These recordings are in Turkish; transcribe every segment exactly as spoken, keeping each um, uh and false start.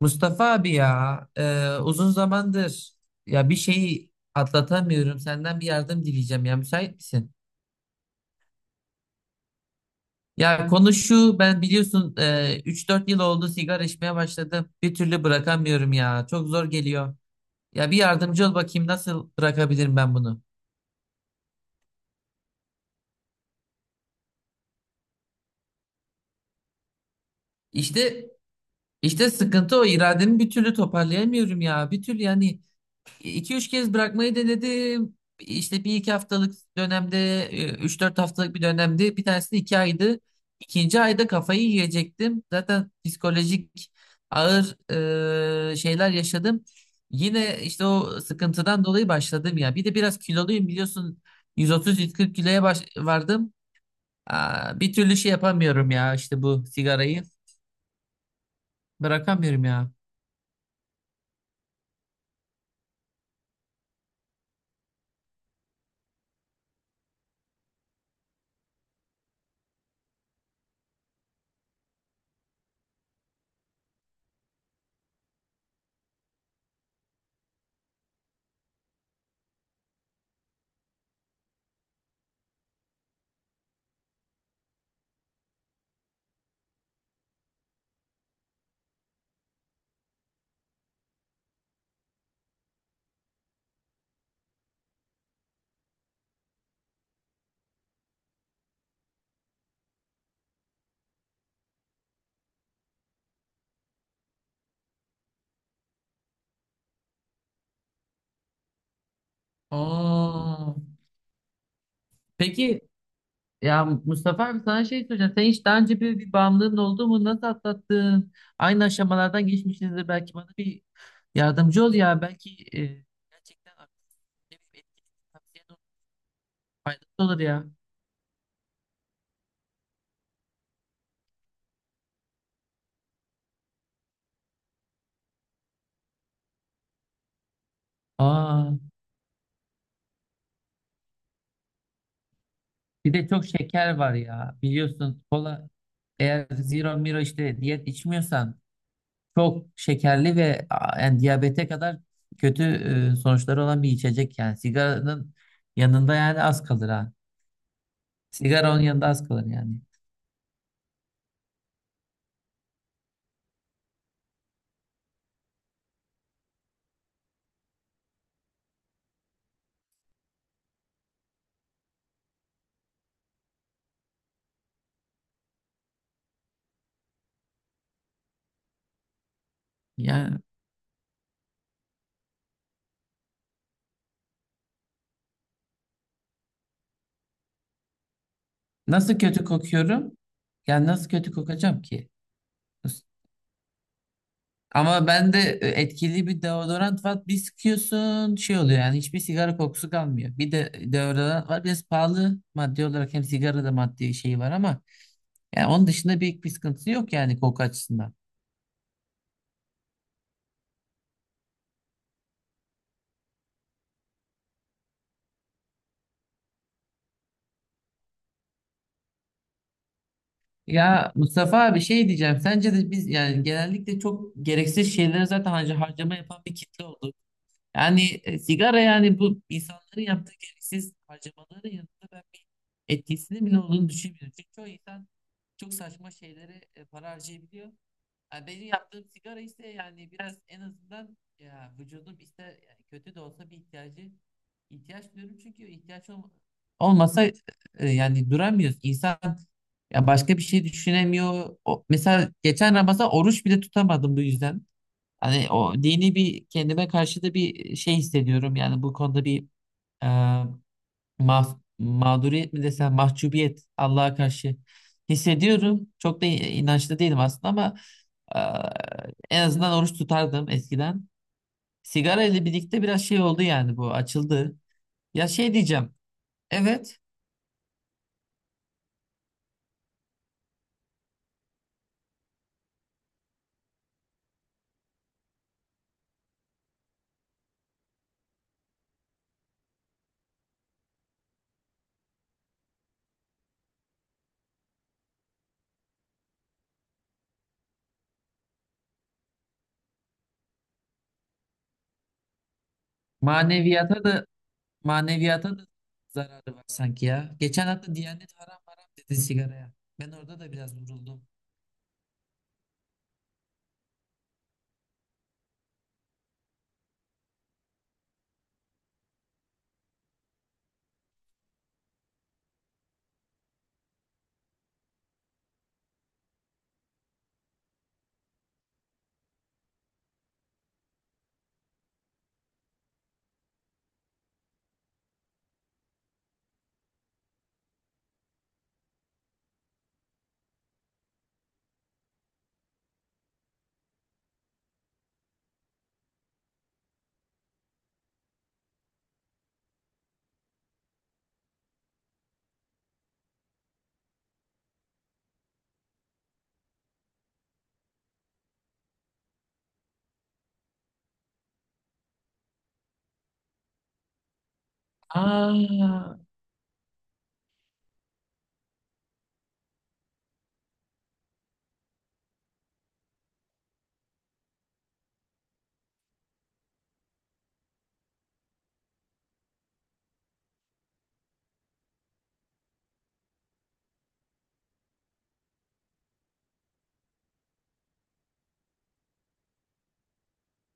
Mustafa abi ya e, uzun zamandır ya bir şeyi atlatamıyorum. Senden bir yardım dileyeceğim ya, müsait misin? Ya konu şu, ben biliyorsun e, üç dört yıl oldu sigara içmeye başladım. Bir türlü bırakamıyorum ya, çok zor geliyor. Ya bir yardımcı ol bakayım, nasıl bırakabilirim ben bunu? İşte işte sıkıntı o, irademi bir türlü toparlayamıyorum ya. Bir türlü yani iki üç kez bırakmayı denedim. İşte bir iki haftalık dönemde, e, üç dört haftalık bir dönemde, bir tanesi iki aydı. İkinci ayda kafayı yiyecektim. Zaten psikolojik ağır e, şeyler yaşadım. Yine işte o sıkıntıdan dolayı başladım ya. Bir de biraz kiloluyum biliyorsun. yüz otuz yüz kırk kiloya baş- vardım. Aa, bir türlü şey yapamıyorum ya işte bu sigarayı. Bırakamıyorum ya. Aa, peki. Ya Mustafa abi, sana şey soracağım. Sen hiç daha önce böyle bir bağımlılığın oldu mu? Nasıl atlattın? Aynı aşamalardan geçmişsinizdir. Belki bana bir yardımcı ol ya. Belki e, gerçekten aktif bir etkili tavsiyen olur. Faydası olur ya. Aa, bir de çok şeker var ya. Biliyorsun kola, eğer zero miro işte diyet içmiyorsan, çok şekerli ve a, yani diyabete kadar kötü e, sonuçları olan bir içecek yani. Sigaranın yanında yani az kalır ha. Sigara onun yanında az kalır yani. Ya nasıl kötü kokuyorum? Ya nasıl kötü kokacağım ki? Ama ben de e, etkili bir deodorant var. Bir sıkıyorsun şey oluyor yani, hiçbir sigara kokusu kalmıyor. Bir de deodorant var biraz pahalı maddi olarak, hem sigara da maddi şeyi var ama yani onun dışında büyük bir sıkıntısı yok yani koku açısından. Ya Mustafa abi şey diyeceğim, sence de biz yani genellikle çok gereksiz şeylere zaten harca- harcama yapan bir kitle oldu. Yani e, sigara yani bu insanların yaptığı gereksiz harcamaların yanında ben bir etkisinin bile olduğunu düşünmüyorum. Çünkü çoğu insan çok saçma şeylere e, para harcayabiliyor. Yani benim yaptığım sigara ise yani biraz en azından ya, vücudum ister yani, kötü de olsa bir ihtiyacı, ihtiyaç diyorum çünkü ihtiyaç olma- olmasa e, yani duramıyoruz. İnsan ya başka bir şey düşünemiyor. O, mesela geçen Ramazan oruç bile tutamadım bu yüzden. Hani o dini bir, kendime karşı da bir şey hissediyorum. Yani bu konuda bir e, maf- mağduriyet mi desem, mahcubiyet Allah'a karşı hissediyorum. Çok da inançlı değilim aslında ama e, en azından oruç tutardım eskiden. Sigara ile birlikte biraz şey oldu yani, bu açıldı. Ya şey diyeceğim. Evet, maneviyata da, maneviyata da zararı var sanki ya. Geçen hafta Diyanet haram haram dedi sigaraya. Ben orada da biraz vuruldum. Aa.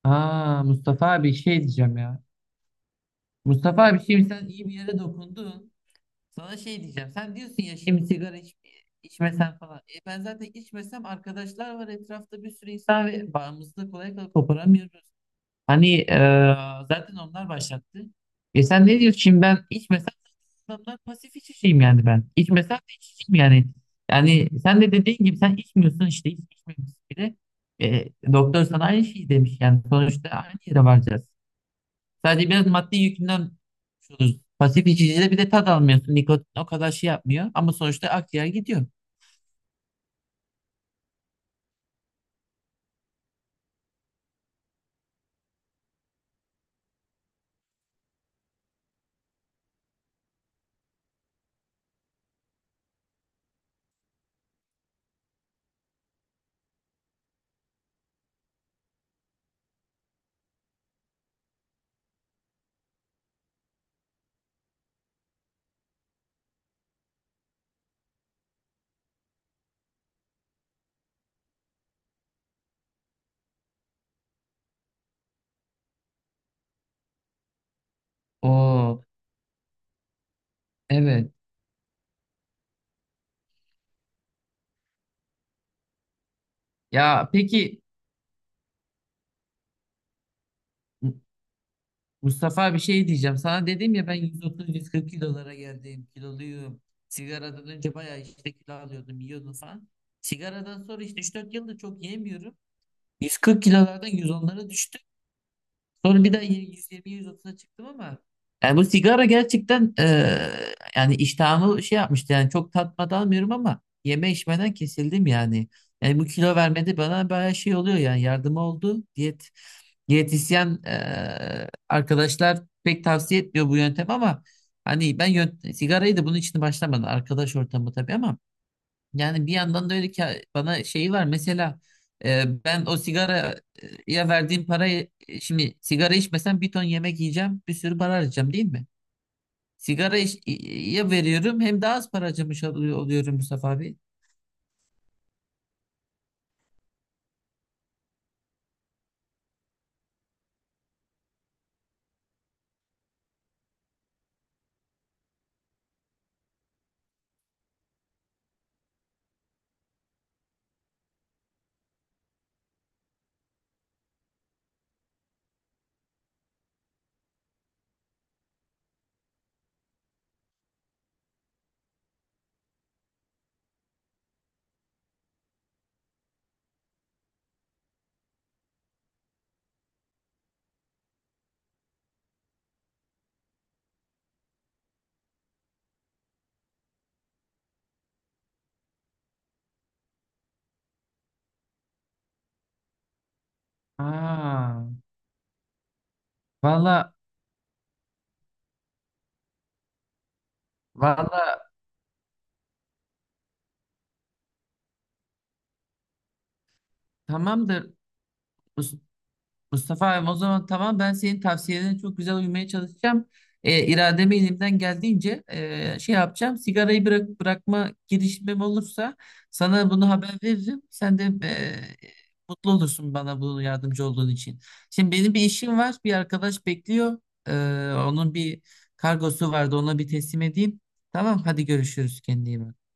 Aa Mustafa abi şey diyeceğim ya. Mustafa abi şimdi sen iyi bir yere dokundun. Sana şey diyeceğim. Sen diyorsun ya şimdi sigara iç, içmesen falan. E ben zaten içmesem arkadaşlar var etrafta, bir sürü insan ve bağımızda kolay kolay koparamıyoruz. Hani e, zaten onlar başlattı. E sen ne diyorsun şimdi, ben içmesem adamlar, pasif içeceğim yani ben. İçmesem de içeceğim yani. Yani sen de dediğin gibi, sen içmiyorsun işte, hiç içmemişsin bile. E, doktor sana aynı şeyi demiş yani sonuçta aynı yere varacağız. Sadece biraz maddi yükünden kurtuluyoruz. Pasif içicide bir de tad almıyorsun. Nikotin o kadar şey yapmıyor ama sonuçta akciğer gidiyor. Oo, evet. Ya peki, M- Mustafa bir şey diyeceğim. Sana dedim ya ben yüz otuz yüz kırk kilolara geldim. Kiloluyum. Sigaradan önce bayağı işte kilo alıyordum, yiyordum falan. Sigaradan sonra işte üç dört yıldır çok yemiyorum. yüz kırk kilolardan yüz onlara düştüm. Sonra bir daha yüz yirmi yüz otuza çıktım ama yani bu sigara gerçekten eee, yani iştahımı şey yapmıştı yani, çok tatmadan almıyorum ama yeme içmeden kesildim yani. Yani bu kilo vermede bana bayağı şey oluyor yani, yardım oldu. Diyet diyetisyen eee, arkadaşlar pek tavsiye etmiyor bu yöntem ama hani ben yönt sigarayı da bunun için başlamadım, arkadaş ortamı tabii ama yani bir yandan da öyle ki bana şeyi var. Mesela e, ben o sigaraya verdiğim parayı e, şimdi sigara içmesem bir ton yemek yiyeceğim, bir sürü para harcayacağım değil mi? Sigara ya veriyorum hem daha az para harcamış ol- oluyorum Mustafa abi. Aa, valla, valla, tamamdır. Mustafa abi o zaman tamam, ben senin tavsiyelerine çok güzel uymaya çalışacağım. E, irademi elimden geldiğince e, şey yapacağım. Sigarayı bırak, bırakma girişimim olursa sana bunu haber veririm. Sen de e, mutlu olursun bana bu yardımcı olduğun için. Şimdi benim bir işim var. Bir arkadaş bekliyor. E, onun bir kargosu vardı. Ona bir teslim edeyim. Tamam hadi, görüşürüz, kendine iyi bak.